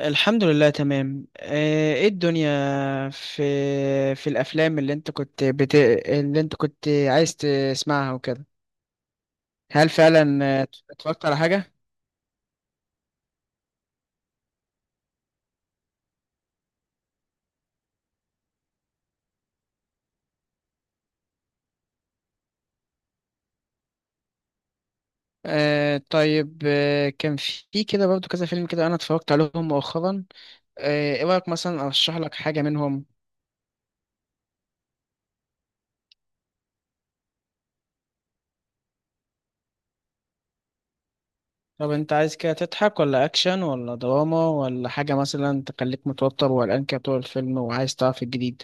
الحمد لله تمام ايه الدنيا. في في الافلام اللي انت كنت اللي انت كنت عايز تسمعها وكده. هل فعلا اتفرجت على حاجة؟ طيب كان في كده برضو كذا فيلم كده انا اتفرجت عليهم مؤخرا. ايه رأيك مثلا ارشح لك حاجة منهم؟ طب انت عايز كده تضحك ولا اكشن ولا دراما ولا حاجة مثلا تخليك متوتر وقلقان كده طول الفيلم وعايز تعرف الجديد؟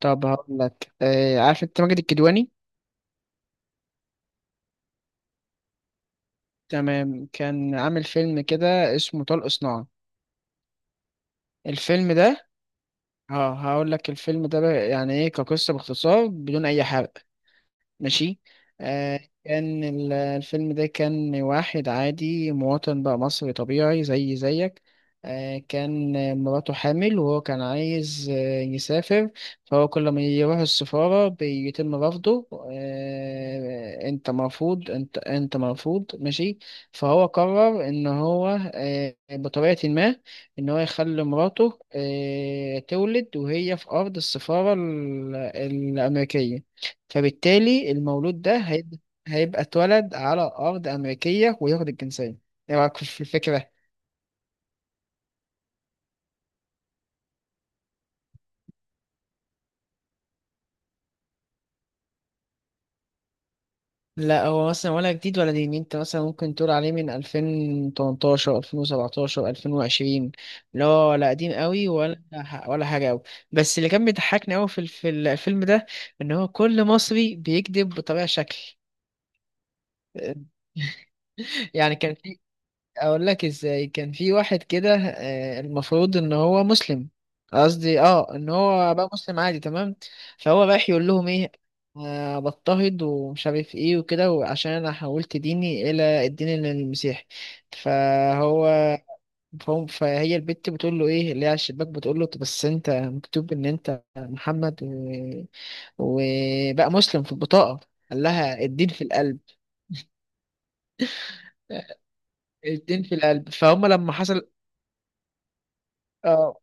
طب هقول لك، عارف انت ماجد الكدواني؟ تمام، كان عامل فيلم كده اسمه طلق صناعة. الفيلم ده اه هقول لك الفيلم ده بقى يعني ايه كقصة باختصار بدون اي حرق. ماشي. كان الفيلم ده كان واحد عادي مواطن بقى مصري طبيعي زي زيك. كان مراته حامل وهو كان عايز يسافر. فهو كل ما يروح السفارة بيتم رفضه، انت مرفوض انت مرفوض، ماشي. فهو قرر ان هو بطريقة ما، ان هو يخلي مراته تولد وهي في ارض السفارة الامريكية. فبالتالي المولود ده هيبقى، هيبقى اتولد على أرض أمريكية وياخد الجنسية. إيه رأيك في الفكرة؟ لا هو مثلا ولا جديد ولا دين، انت مثلا ممكن تقول عليه من 2018 2017 2020، لا ولا قديم قوي ولا حاجه قوي. بس اللي كان بيضحكني قوي في في الفيلم ده ان هو كل مصري بيكذب بطبيعه شكل. يعني كان في، اقول لك ازاي. كان في واحد كده المفروض ان هو مسلم. قصدي اه ان هو بقى مسلم عادي تمام. فهو رايح يقول لهم ايه، بضطهد ومش عارف ايه وكده، وعشان انا حولت ديني الى الدين المسيحي. فهو، فهم، فهي البت بتقول له ايه اللي هي على الشباك، بتقول له: "طب بس انت مكتوب ان انت محمد وبقى مسلم في البطاقة". قال لها: الدين في القلب. الدين في القلب. فهم لما حصل اه،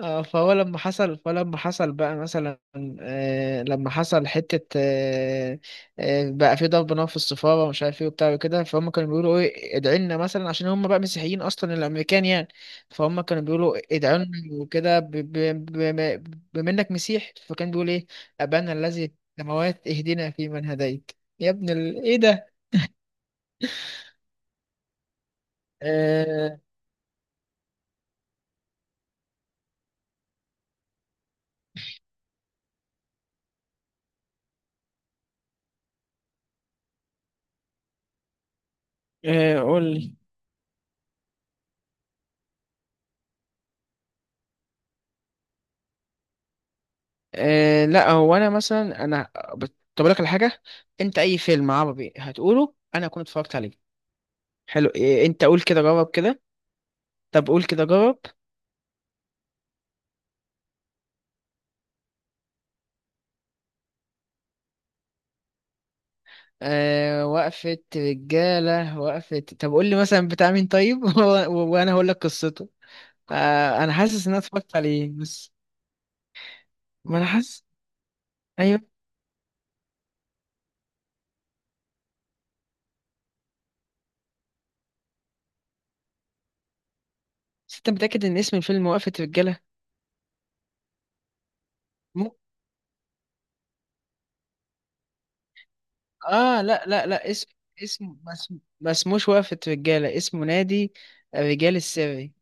فهو لما حصل، فلما حصل بقى مثلا، لما حصل حتة بقى في ضرب نار في السفارة ومش عارف ايه وبتاع وكده، فهم كانوا بيقولوا ايه، ادعي لنا مثلا، عشان هم بقى مسيحيين اصلا الامريكان يعني. فهم كانوا بيقولوا ادعوا لنا وكده، بما، بما انك مسيح فكان بيقول ايه: ابانا الذي في السماوات اهدنا فيمن هديت يا ابن ايه ده؟ آه، قول لي. أه لا هو انا مثلا انا طب أقول لك على حاجه، انت اي فيلم عربي هتقوله انا اكون اتفرجت عليه. حلو، إيه؟ انت قول كده، جرب كده. طب قول كده جرب. أه وقفة رجالة، وقفة، طب قول لي مثلا بتاع مين طيب وانا هقول لك قصته. أه انا حاسس ان انا اتفرجت عليه بس. ما انا حاسس. ايوه. بس انت متأكد ان اسم الفيلم وقفة رجالة؟ م... اه لا لا لا، اسم، اسم، ما اسموش وقفة رجالة، اسمه نادي الرجال السري.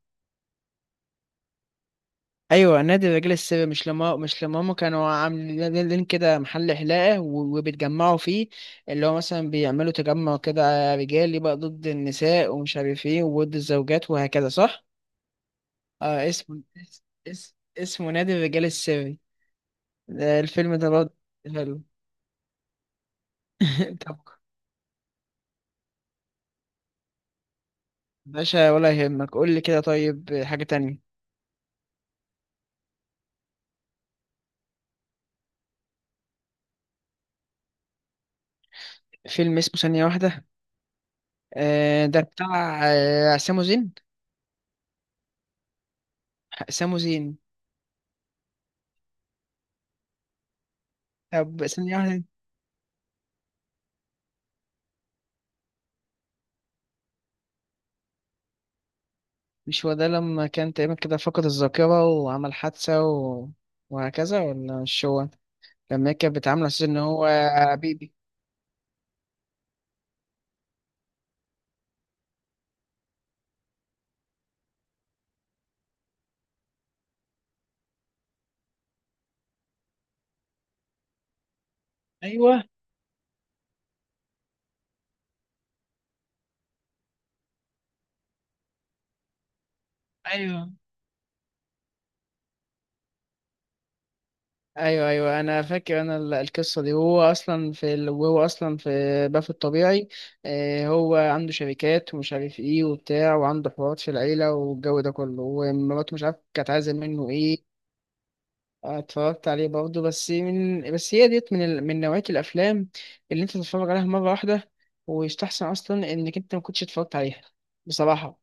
ايوه نادي الرجال السري. مش لما، مش لما هم كانوا عاملين لين كده محل حلاقه وبيتجمعوا فيه، اللي هو مثلا بيعملوا تجمع كده رجالي بقى ضد النساء ومش عارف ايه وضد الزوجات وهكذا، صح؟ اسمه اس اس اسمه نادي الرجال السري، ده الفيلم ده برضه. حلو. طب باشا ولا يهمك، قول لي كده طيب حاجة تانية. فيلم اسمه ثانية واحدة؟ ده بتاع سامو زين. سامو زين. طب ثانية واحدة، مش هو ده لما كان تقريبا كده فقد الذاكرة وعمل حادثة وهكذا، ولا مش هو؟ لما هي كانت بتعامله على أساس إن هو بيبي. ايوه ايوه. أيوه أيوه أنا فاكر أنا القصة دي، وهو أصلا في وهو أصلا في باف الطبيعي. هو عنده شركات ومش عارف إيه وبتاع، وعنده حوارات في العيلة والجو ده كله، ومراته مش عارف كانت عايزة منه إيه. أنا اتفرجت عليه برضه، بس من، بس هي ديت من من نوعية الأفلام اللي أنت تتفرج عليها مرة واحدة، ويستحسن أصلا إنك أنت ما كنتش اتفرجت عليها بصراحة.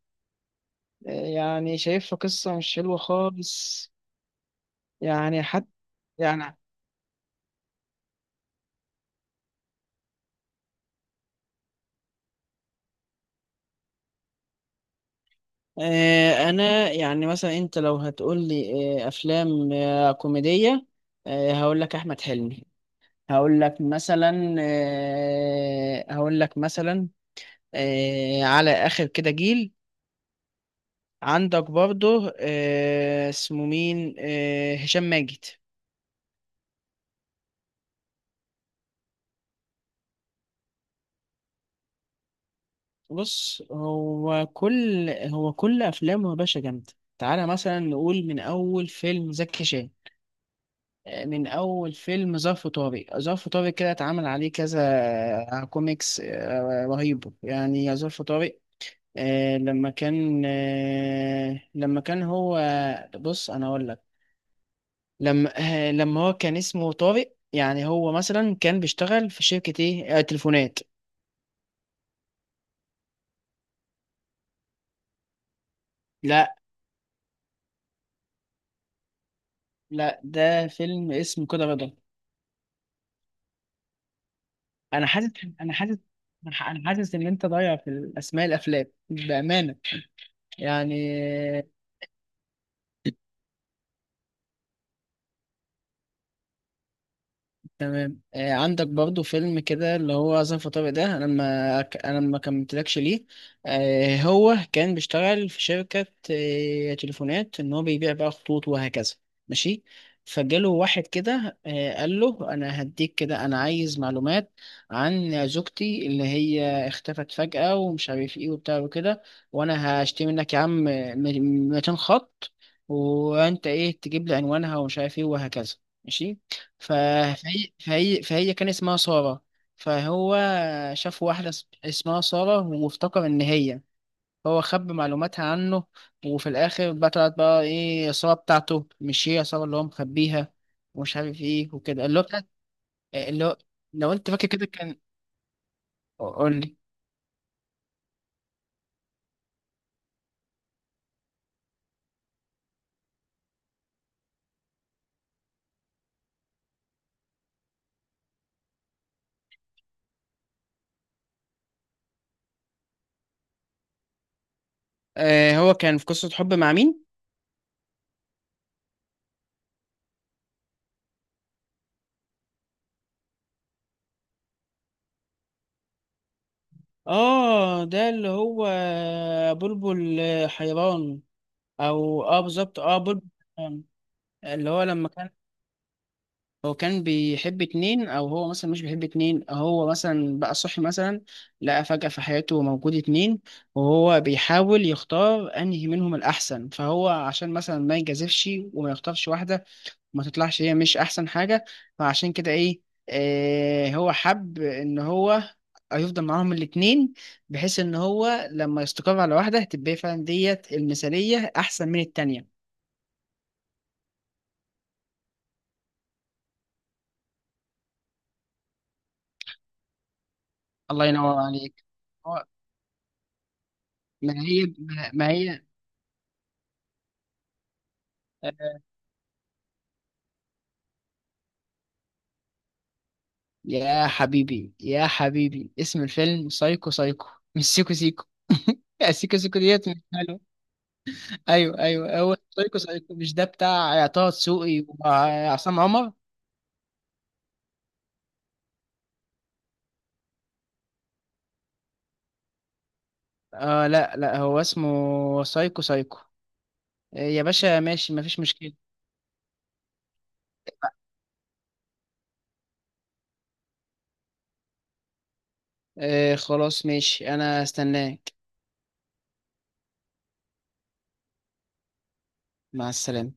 يعني شايفها قصة مش حلوة خالص يعني حتى يعني. أنا يعني مثلا أنت لو هتقول لي أفلام كوميدية، هقول لك أحمد حلمي، هقول لك مثلا على آخر كده جيل. عندك برضه اسمه مين، هشام ماجد. بص هو كل، هو كل افلامه يا باشا جامده. تعالى مثلا نقول من اول فيلم زكي شان، من اول فيلم ظرف طارق. ظرف طارق كده اتعمل عليه كذا كوميكس رهيب يعني يا ظرف طارق. لما كان هو، بص انا اقول لك. لما لما هو كان اسمه طارق، يعني هو مثلا كان بيشتغل في شركة ايه، تليفونات. لا لا، ده فيلم اسمه كده رضا. انا حاسس انا حاسس انا حاسس ان انت ضايع في الاسماء الافلام بامانه يعني. تمام. عندك برضو فيلم كده اللي هو ظرف طارق ده، انا ما ك- انا ما كملتلكش ليه. هو كان بيشتغل في شركة تليفونات ان هو بيبيع بقى خطوط وهكذا، ماشي. فجاله واحد كده قال له انا هديك كده، انا عايز معلومات عن زوجتي اللي هي اختفت فجأة ومش عارف ايه وبتاع وكده، وانا هشتري منك يا عم 200 خط، وانت ايه تجيب لي عنوانها ومش عارف ايه وهكذا، ماشي. ف- فهي كان اسمها سارة. فهو شاف واحدة اسمها سارة وافتكر إن هي، هو خبى معلوماتها عنه. وفي الآخر بقى طلعت بقى إيه، سارة بتاعته مش هي سارة اللي هو مخبيها ومش عارف إيه وكده اللي هو بتاعت اللي هو لو أنت فاكر كده كان. قول لي. آه هو كان في قصة حب مع مين؟ آه ده اللي هو بلبل حيران. أو آه بالظبط، آه بلبل حيران. اللي هو لما كان، هو كان بيحب اتنين، او هو مثلا مش بيحب اتنين، هو مثلا بقى صحي مثلا لقى فجأة في حياته موجود اتنين، وهو بيحاول يختار انهي منهم الاحسن. فهو عشان مثلا ما يجازفش وما يختارش واحدة وما تطلعش هي مش احسن حاجة، فعشان كده ايه، هو حب ان هو هيفضل معاهم الاتنين، بحيث ان هو لما يستقر على واحدة تبقى فعلا ديت المثالية احسن من التانية. الله ينور عليك. هو- ما هي آه، يا حبيبي يا حبيبي اسم الفيلم سايكو سايكو مش سيكو سيكو. سيكو سيكو ديت مش حلوة. ايوه ايوه، هو سايكو سايكو، مش ده بتاع طه دسوقي وعصام عمر؟ لا لا، هو اسمه سايكو سايكو. يا باشا ماشي مفيش مشكلة. خلاص ماشي انا استناك. مع السلامة.